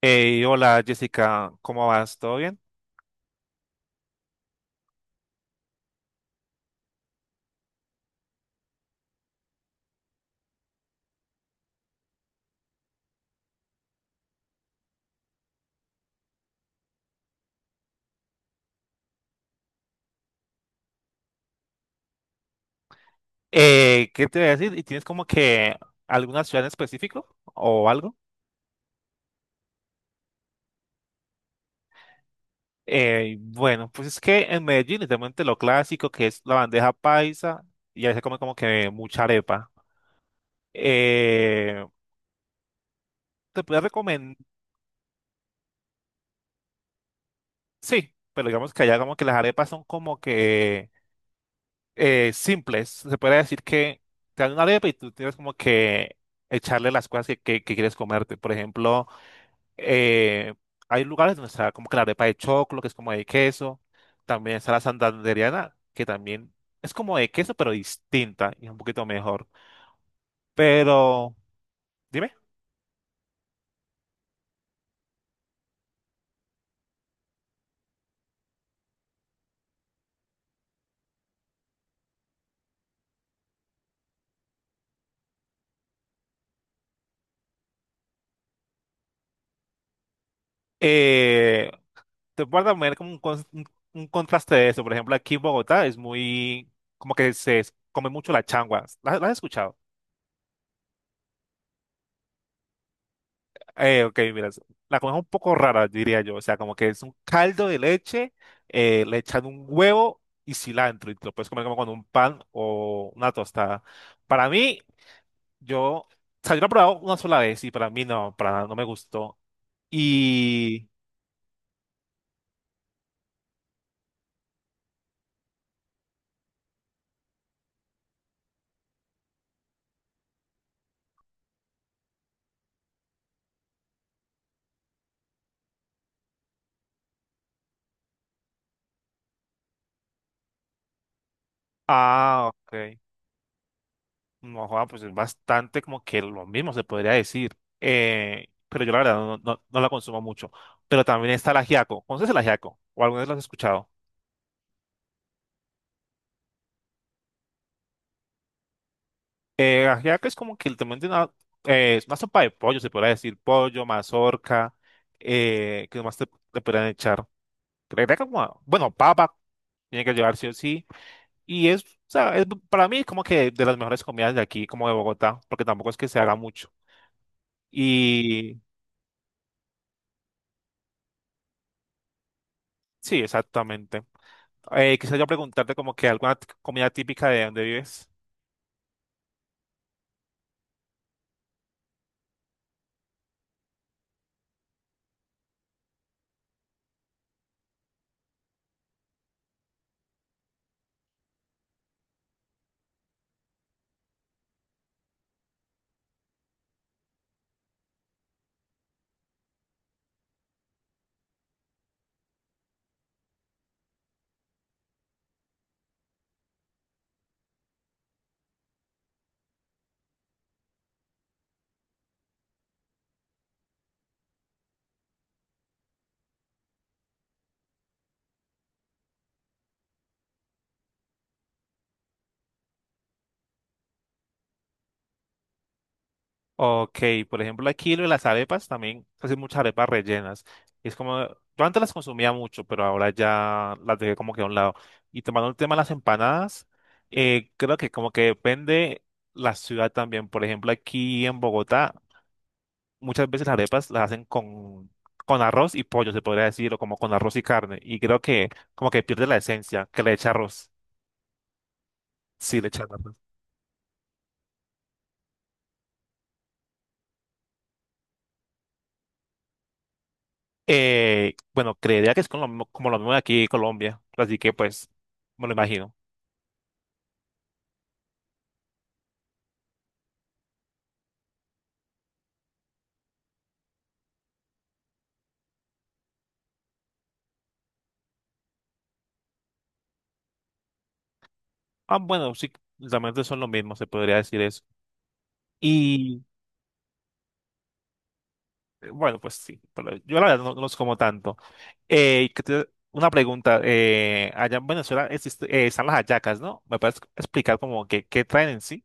Hey, hola Jessica, ¿cómo vas? ¿Todo bien? ¿Qué te voy a decir? ¿Y tienes como que alguna ciudad en específico o algo? Bueno, pues es que en Medellín literalmente lo clásico que es la bandeja paisa y ahí se come como que mucha arepa. Eh, Te puedo recomendar, sí, pero digamos que allá como que las arepas son como que simples. Se puede decir que te dan una arepa y tú tienes como que echarle las cosas que quieres comerte. Por ejemplo eh, hay lugares donde está como que la arepa de choclo, que es como de queso. También está la santandereana, que también es como de queso, pero distinta y es un poquito mejor. Pero, dime, eh, te puedo también como un contraste de eso. Por ejemplo, aquí en Bogotá es muy, como que se come mucho la changua. ¿La has escuchado? Ok, mira, la comida es un poco rara, diría yo. O sea, como que es un caldo de leche, le echan un huevo y cilantro y te lo puedes comer como con un pan o una tostada. Para mí, yo, o yo lo he probado una sola vez y para mí no, para nada, no me gustó. Y, ah, ok. No, joda, pues es bastante como que lo mismo se podría decir. Pero yo la verdad no la consumo mucho. Pero también está el ajiaco. ¿Conoces el ajiaco? ¿O alguna vez lo has escuchado? Ajiaco es como que literalmente es una sopa de pollo, se podría decir, pollo, mazorca, eh, ¿qué más te, ¿te podrían echar? Creo que como, bueno, papa, tiene que llevar sí o sí, y es, o sea, es- para mí es como que de las mejores comidas de aquí, como de Bogotá, porque tampoco es que se haga mucho. Y sí, exactamente. Quisiera yo preguntarte como que alguna comida típica de donde vives. Ok, por ejemplo, aquí lo de las arepas también hacen muchas arepas rellenas. Es como, yo antes las consumía mucho, pero ahora ya las dejé como que a un lado. Y tomando el tema de las empanadas, creo que como que depende la ciudad también. Por ejemplo, aquí en Bogotá, muchas veces las arepas las hacen con arroz y pollo, se podría decir, o como con arroz y carne. Y creo que como que pierde la esencia, que le echa arroz. Sí, le echa arroz. Bueno, creería que es con como lo mismo de aquí en Colombia, así que pues me lo imagino. Ah, bueno, sí, realmente son lo mismo, se podría decir eso. Y bueno, pues sí, pero yo la verdad no los como tanto. Eh, que te- una pregunta, allá en Venezuela están las hallacas, ¿no? ¿Me puedes explicar como que qué traen en sí?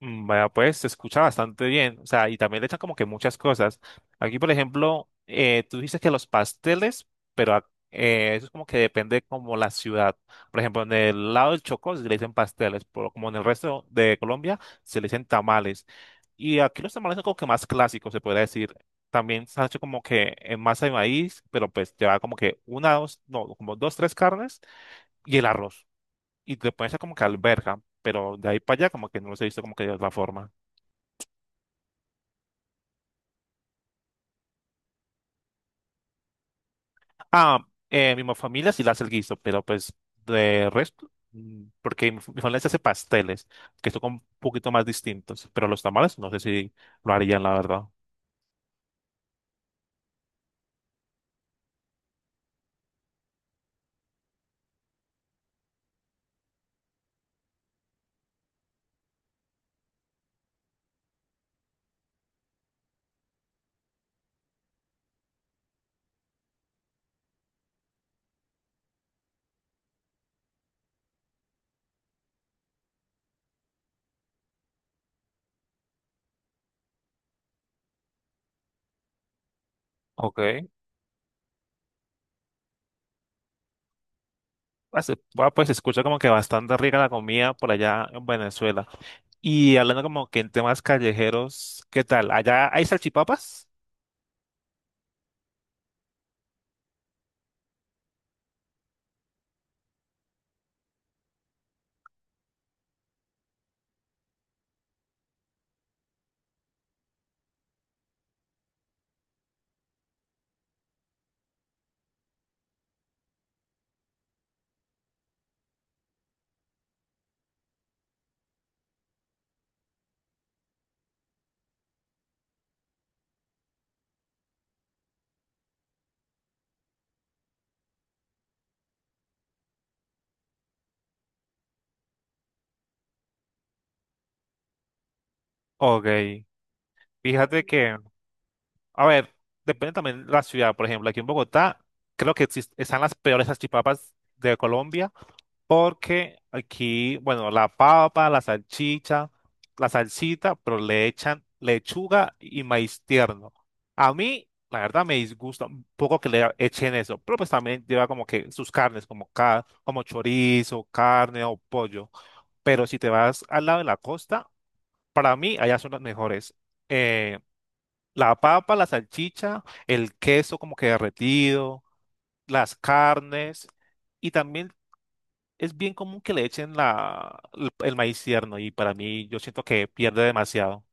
Mm, vaya, pues se escucha bastante bien, o sea, y también le echan como que muchas cosas. Aquí, por ejemplo, tú dices que los pasteles, pero eso es como que depende como la ciudad. Por ejemplo, en el lado del Chocó se le dicen pasteles, pero como en el resto de Colombia se le dicen tamales. Y aquí los tamales son como que más clásicos, se podría decir. También se ha hecho como que en masa de maíz, pero pues lleva como que una, dos, no, como dos, tres carnes y el arroz. Y te pueden hacer como que alberja, pero de ahí para allá como que no los he visto como que de otra forma. Ah, mi familia sí la hace el guiso, pero pues de resto, mm, porque mi familia se hace pasteles, que son un poquito más distintos, pero los tamales no sé si lo harían, la verdad. Ok. Bueno, pues se escucha como que bastante rica la comida por allá en Venezuela. Y hablando como que en temas callejeros, ¿qué tal? ¿Allá hay salchipapas? Ok, fíjate que, a ver, depende también de la ciudad. Por ejemplo, aquí en Bogotá, creo que están las peores salchipapas de Colombia. Porque aquí, bueno, la papa, la salchicha, la salsita, pero le echan lechuga y maíz tierno. A mí, la verdad, me disgusta un poco que le echen eso, pero pues también lleva como que sus carnes, como chorizo, carne o pollo. Pero si te vas al lado de la costa, para mí allá son las mejores. Eh, la papa, la salchicha, el queso como que derretido, las carnes. Y también es bien común que le echen el maíz tierno y para mí yo siento que pierde demasiado.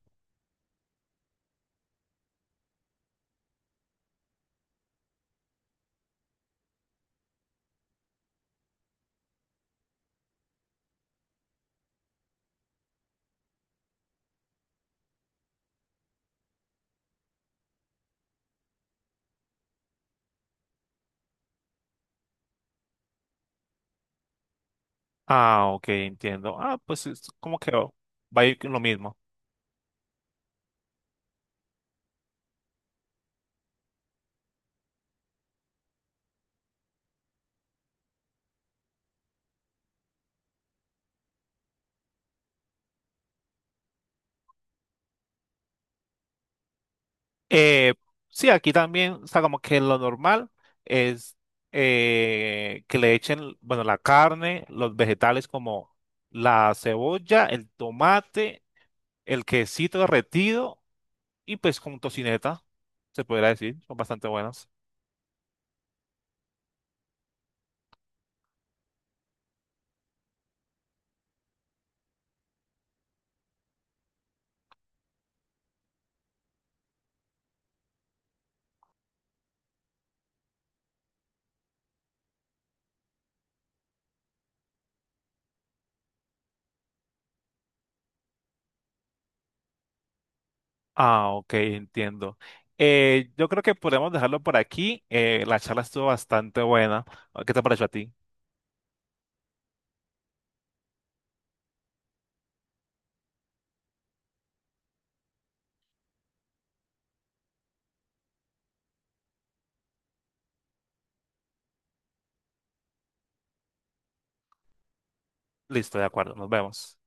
Ah, ok, entiendo. Ah, pues es como que oh, va a ir con lo mismo. Eh, sí, aquí también, o sea, como que lo normal es que le echen, bueno, la carne, los vegetales como la cebolla, el tomate, el quesito derretido y pues con tocineta, se podría decir, son bastante buenas. Ah, ok, entiendo. Yo creo que podemos dejarlo por aquí. La charla estuvo bastante buena. ¿Qué te pareció a ti? Listo, de acuerdo, nos vemos.